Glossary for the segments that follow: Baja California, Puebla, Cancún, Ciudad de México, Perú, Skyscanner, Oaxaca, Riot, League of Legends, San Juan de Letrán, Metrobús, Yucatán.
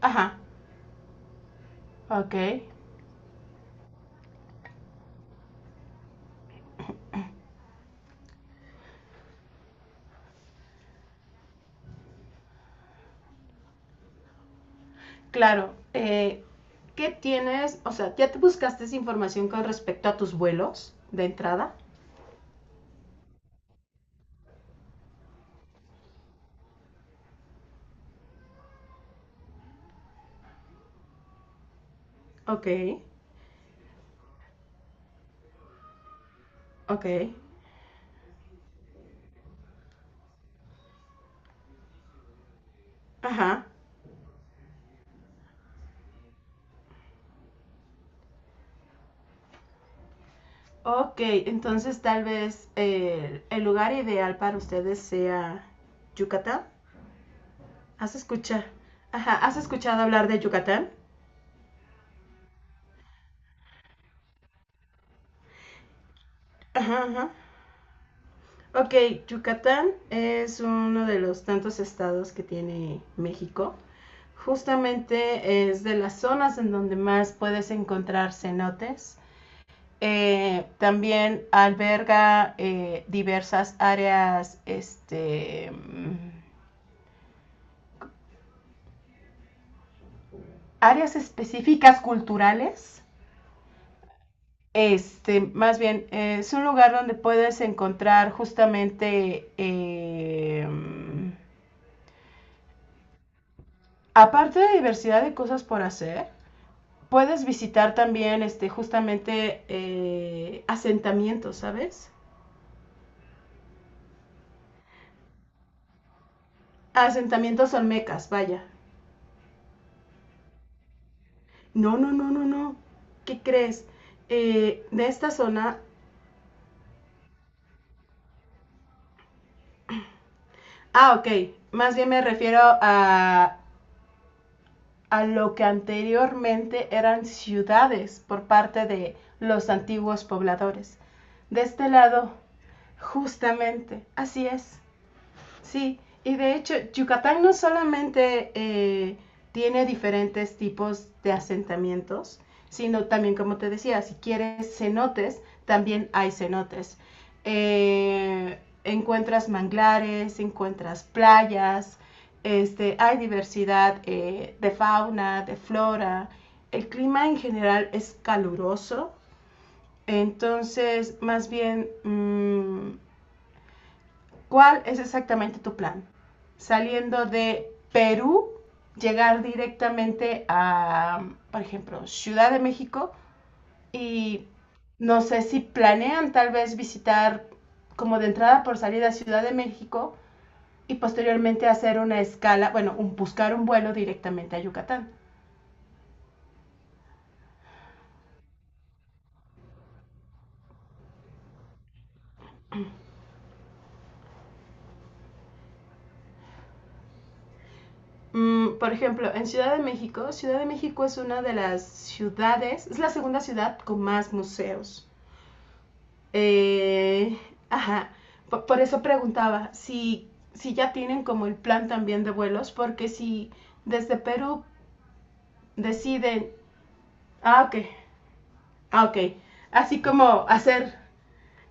Ajá, ok. Claro. ¿Qué tienes? O sea, ¿ya te buscaste esa información con respecto a tus vuelos de entrada? Ok, ok. Ajá. Ok, entonces tal vez el lugar ideal para ustedes sea Yucatán. ¿Has escuchado? Ajá, ¿has escuchado hablar de Yucatán? Ajá, ajá. Ok, Yucatán es uno de los tantos estados que tiene México. Justamente es de las zonas en donde más puedes encontrar cenotes. También alberga diversas áreas, este, áreas específicas culturales. Este, más bien, es un lugar donde puedes encontrar justamente, aparte de diversidad de cosas por hacer, puedes visitar también, este, justamente asentamientos, ¿sabes? Asentamientos olmecas, vaya. No, no, no, no, no. ¿Qué crees? De esta zona... Ah, ok. Más bien me refiero a lo que anteriormente eran ciudades por parte de los antiguos pobladores. De este lado, justamente, así es. Sí, y de hecho, Yucatán no solamente tiene diferentes tipos de asentamientos, sino también, como te decía, si quieres cenotes, también hay cenotes. Eh, Encuentras manglares, encuentras playas, este, hay diversidad de fauna, de flora. El clima en general es caluroso, entonces más bien ¿cuál es exactamente tu plan? Saliendo de Perú, llegar directamente a, por ejemplo, Ciudad de México y no sé si planean tal vez visitar como de entrada por salida Ciudad de México y posteriormente hacer una escala, bueno, buscar un vuelo directamente a Yucatán. Por ejemplo, en Ciudad de México es una de las ciudades, es la segunda ciudad con más museos. Eh, ajá, por eso preguntaba si ya tienen como el plan también de vuelos, porque si desde Perú deciden, ah, ok, ah, ok, así como hacer,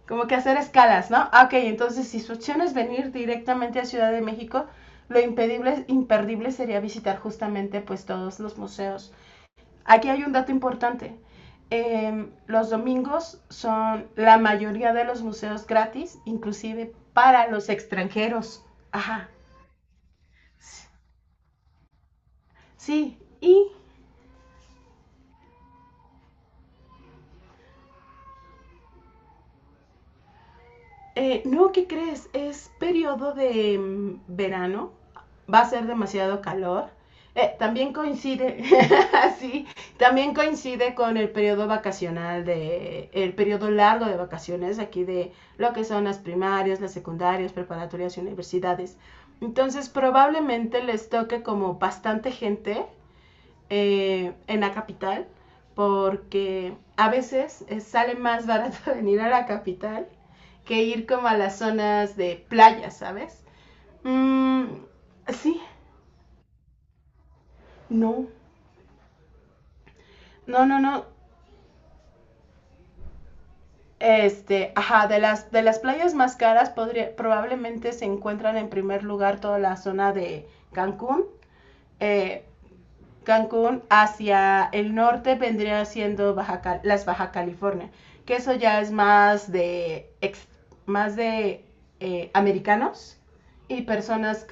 como que hacer escalas, ¿no? Ah, ok, entonces si su opción es venir directamente a Ciudad de México, lo imperdible sería visitar justamente pues todos los museos. Aquí hay un dato importante. Los domingos son la mayoría de los museos gratis, inclusive para los extranjeros. Ajá. Sí, sí. No, ¿qué crees? Es periodo de verano, va a ser demasiado calor. También coincide, sí, también coincide con el periodo vacacional el periodo largo de vacaciones aquí de lo que son las primarias, las secundarias, preparatorias y universidades. Entonces probablemente les toque como bastante gente en la capital, porque a veces sale más barato venir a la capital que ir como a las zonas de playa, ¿sabes? Mm, sí, no, no, no, no. Este, ajá, de las playas más caras probablemente se encuentran en primer lugar toda la zona de Cancún, eh, Cancún hacia el norte vendría siendo Baja California, que eso ya es más de americanos y personas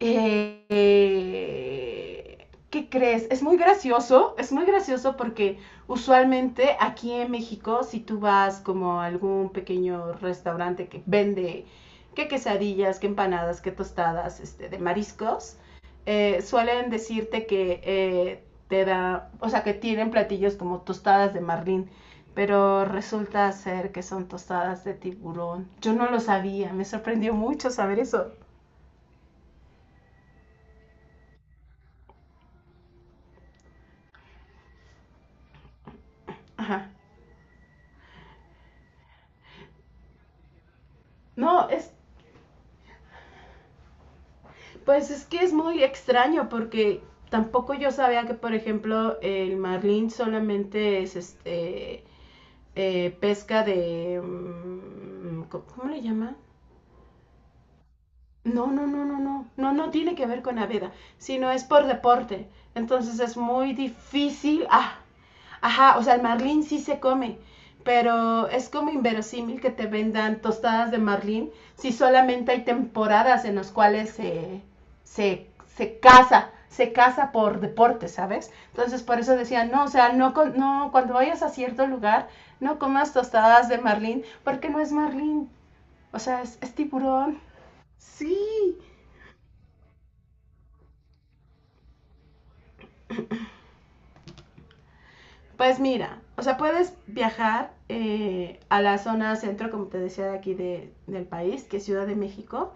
¿qué crees? Es muy gracioso porque usualmente aquí en México, si tú vas como a algún pequeño restaurante que vende que quesadillas, que empanadas, que tostadas este, de mariscos, suelen decirte que o sea, que tienen platillos como tostadas de marlín, pero resulta ser que son tostadas de tiburón. Yo no lo sabía, me sorprendió mucho saber eso. No, es Pues es que es muy extraño porque tampoco yo sabía que, por ejemplo, el marlín solamente es este pesca de... ¿cómo le llama? No, no, no, no, no, no, no tiene que ver con la vida, sino es por deporte. Entonces es muy difícil. Ah, ajá, o sea, el marlín sí se come, pero es como inverosímil que te vendan tostadas de marlín si solamente hay temporadas en las cuales se, se caza por deporte, ¿sabes? Entonces por eso decía, no, o sea, no, no, cuando vayas a cierto lugar, no comas tostadas de marlín, porque no es marlín, o sea, es tiburón. Sí, pues mira, o sea, puedes viajar a la zona centro, como te decía, de aquí del país, que es Ciudad de México.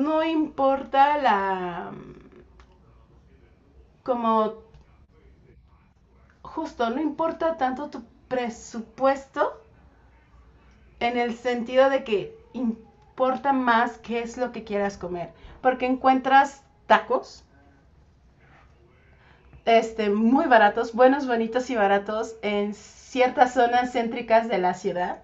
No importa la... como justo, no importa tanto tu presupuesto en el sentido de que importa más qué es lo que quieras comer, porque encuentras tacos este, muy baratos, buenos, bonitos y baratos en ciertas zonas céntricas de la ciudad.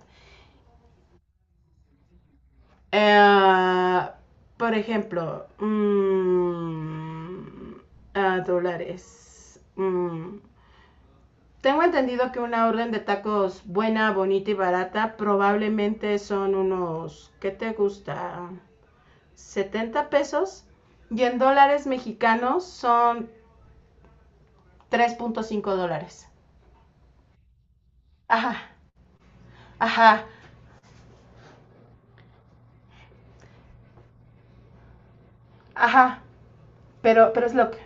Eh, por ejemplo, ah, dólares. Mm. Tengo entendido que una orden de tacos buena, bonita y barata probablemente son unos, ¿qué te gusta? 70 pesos. Y en dólares mexicanos son 3.5 dólares. Ajá, ajá, ajá. Pero, pero es lo que,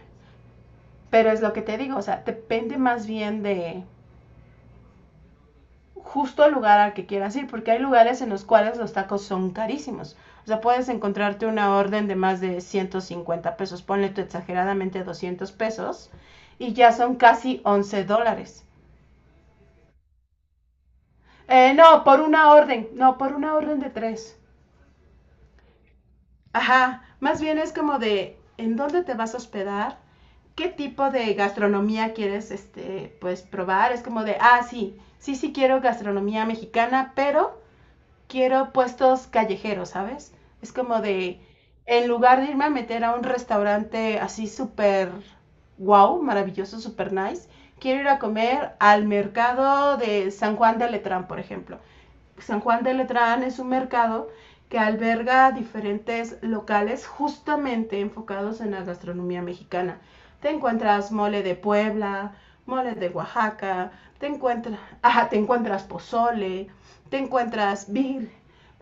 pero es lo que te digo. O sea, depende más bien de, justo al lugar al que quieras ir, porque hay lugares en los cuales los tacos son carísimos. O sea, puedes encontrarte una orden de más de 150 pesos, ponle tú exageradamente 200 pesos, y ya son casi 11 dólares. No, por una orden, no, por una orden de tres. Ajá, más bien es como de en dónde te vas a hospedar, qué tipo de gastronomía quieres, este, pues, probar. Es como de, ah, sí, sí, sí quiero gastronomía mexicana, pero quiero puestos callejeros, ¿sabes? Es como de, en lugar de irme a meter a un restaurante así súper wow, maravilloso, súper nice, quiero ir a comer al mercado de San Juan de Letrán, por ejemplo. San Juan de Letrán es un mercado que alberga diferentes locales justamente enfocados en la gastronomía mexicana. Te encuentras mole de Puebla, mole de Oaxaca, te encuentras, ajá, te encuentras pozole, te encuentras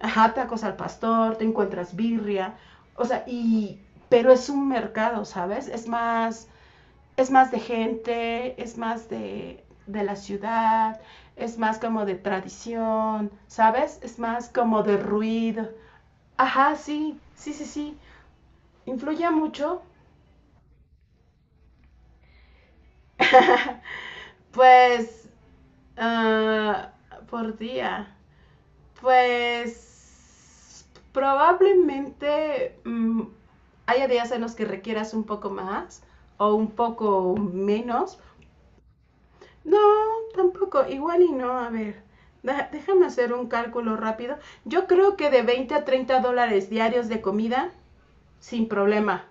ajá, tacos al pastor, te encuentras birria, o sea, pero es un mercado, ¿sabes? Es más de gente, es más de la ciudad, es más como de tradición, ¿sabes? Es más como de ruido. Ajá, sí, sí, sí, sí. Influye mucho, pues, ah, por día. Pues, probablemente haya días en los que requieras un poco más o un poco menos. No, tampoco, igual y no, a ver. Déjame hacer un cálculo rápido. Yo creo que de 20 a 30 dólares diarios de comida, sin problema.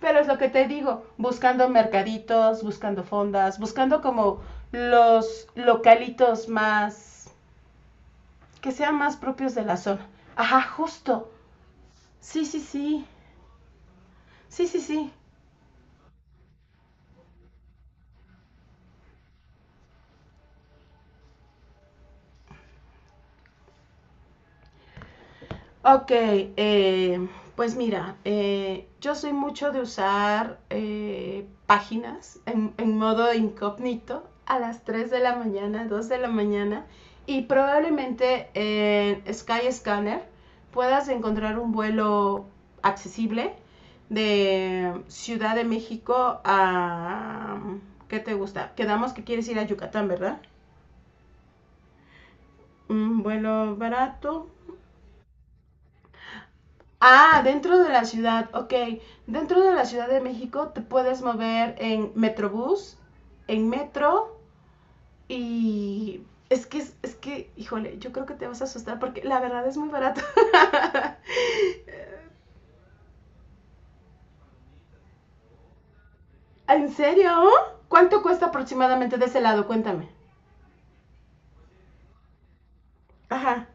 Pero es lo que te digo, buscando mercaditos, buscando fondas, buscando como los localitos más, que sean más propios de la zona. Ajá, justo. Sí, sí, sí. Sí, sí, sí. Ok, pues mira, yo soy mucho de usar páginas en modo incógnito a las 3 de la mañana, 2 de la mañana, y probablemente en Skyscanner puedas encontrar un vuelo accesible de Ciudad de México a... ¿Qué te gusta? Quedamos que quieres ir a Yucatán, ¿verdad? Un vuelo barato. Ah, dentro de la ciudad, ok. Dentro de la Ciudad de México te puedes mover en Metrobús, en metro, y es que, híjole, yo creo que te vas a asustar porque la verdad es muy barato. ¿En serio? ¿Cuánto cuesta aproximadamente de ese lado? Cuéntame. Ajá.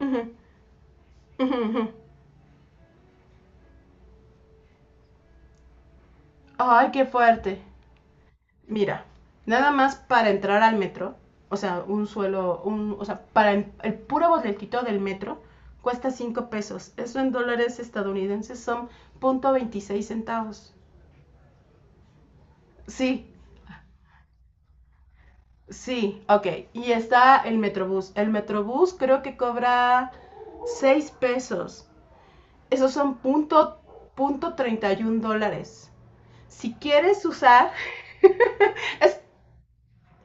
Ujú, ujú, ujú. Ay, qué fuerte. Mira, nada más para entrar al metro, o sea, o sea, para el puro boletito del metro cuesta 5 pesos. Eso en dólares estadounidenses son punto veintiséis centavos. Sí, sí, ok. Y está el Metrobús. El Metrobús creo que cobra 6 pesos. Esos son 0.31 dólares. Si quieres usar, es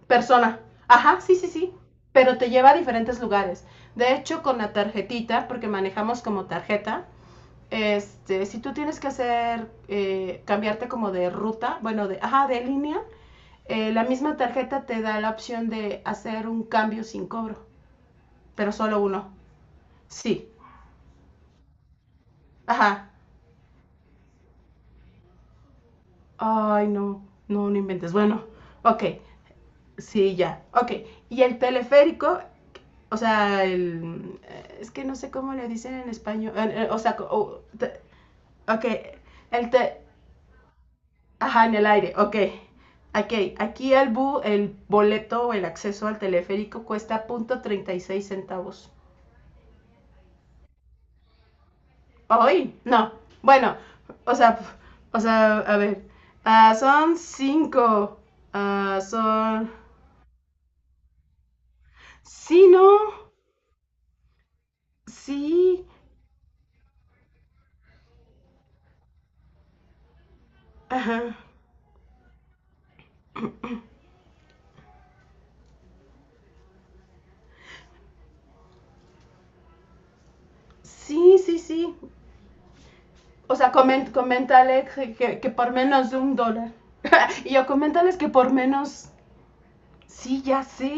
persona. Ajá, sí, sí, sí, pero te lleva a diferentes lugares. De hecho, con la tarjetita, porque manejamos como tarjeta, este, si tú tienes que hacer, cambiarte como de ruta, bueno, de, ajá, de línea, la misma tarjeta te da la opción de hacer un cambio sin cobro, pero solo uno. Sí, ajá. Ay, no, no, no inventes. Bueno, ok. Sí, ya. Ok. Y el teleférico, o sea, es que no sé cómo le dicen en español. O sea, ok. El te, ajá, en el aire. Ok. Ok. Aquí el boleto o el acceso al teleférico cuesta punto 36 centavos. Hoy, no. Bueno, o sea, o sea, a ver. Ah, son cinco. Ah, son. Sí, no. Sí. Ajá. Sí, sí, sí. O sea, coméntale que por menos de 1 dólar. Y yo coméntales que por menos... Sí, ya sé.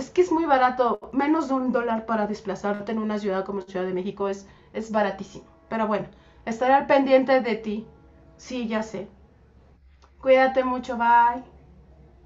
Es que es muy barato. Menos de un dólar para desplazarte en una ciudad como Ciudad de México es baratísimo. Pero bueno, estaré al pendiente de ti. Sí, ya sé. Cuídate mucho, bye.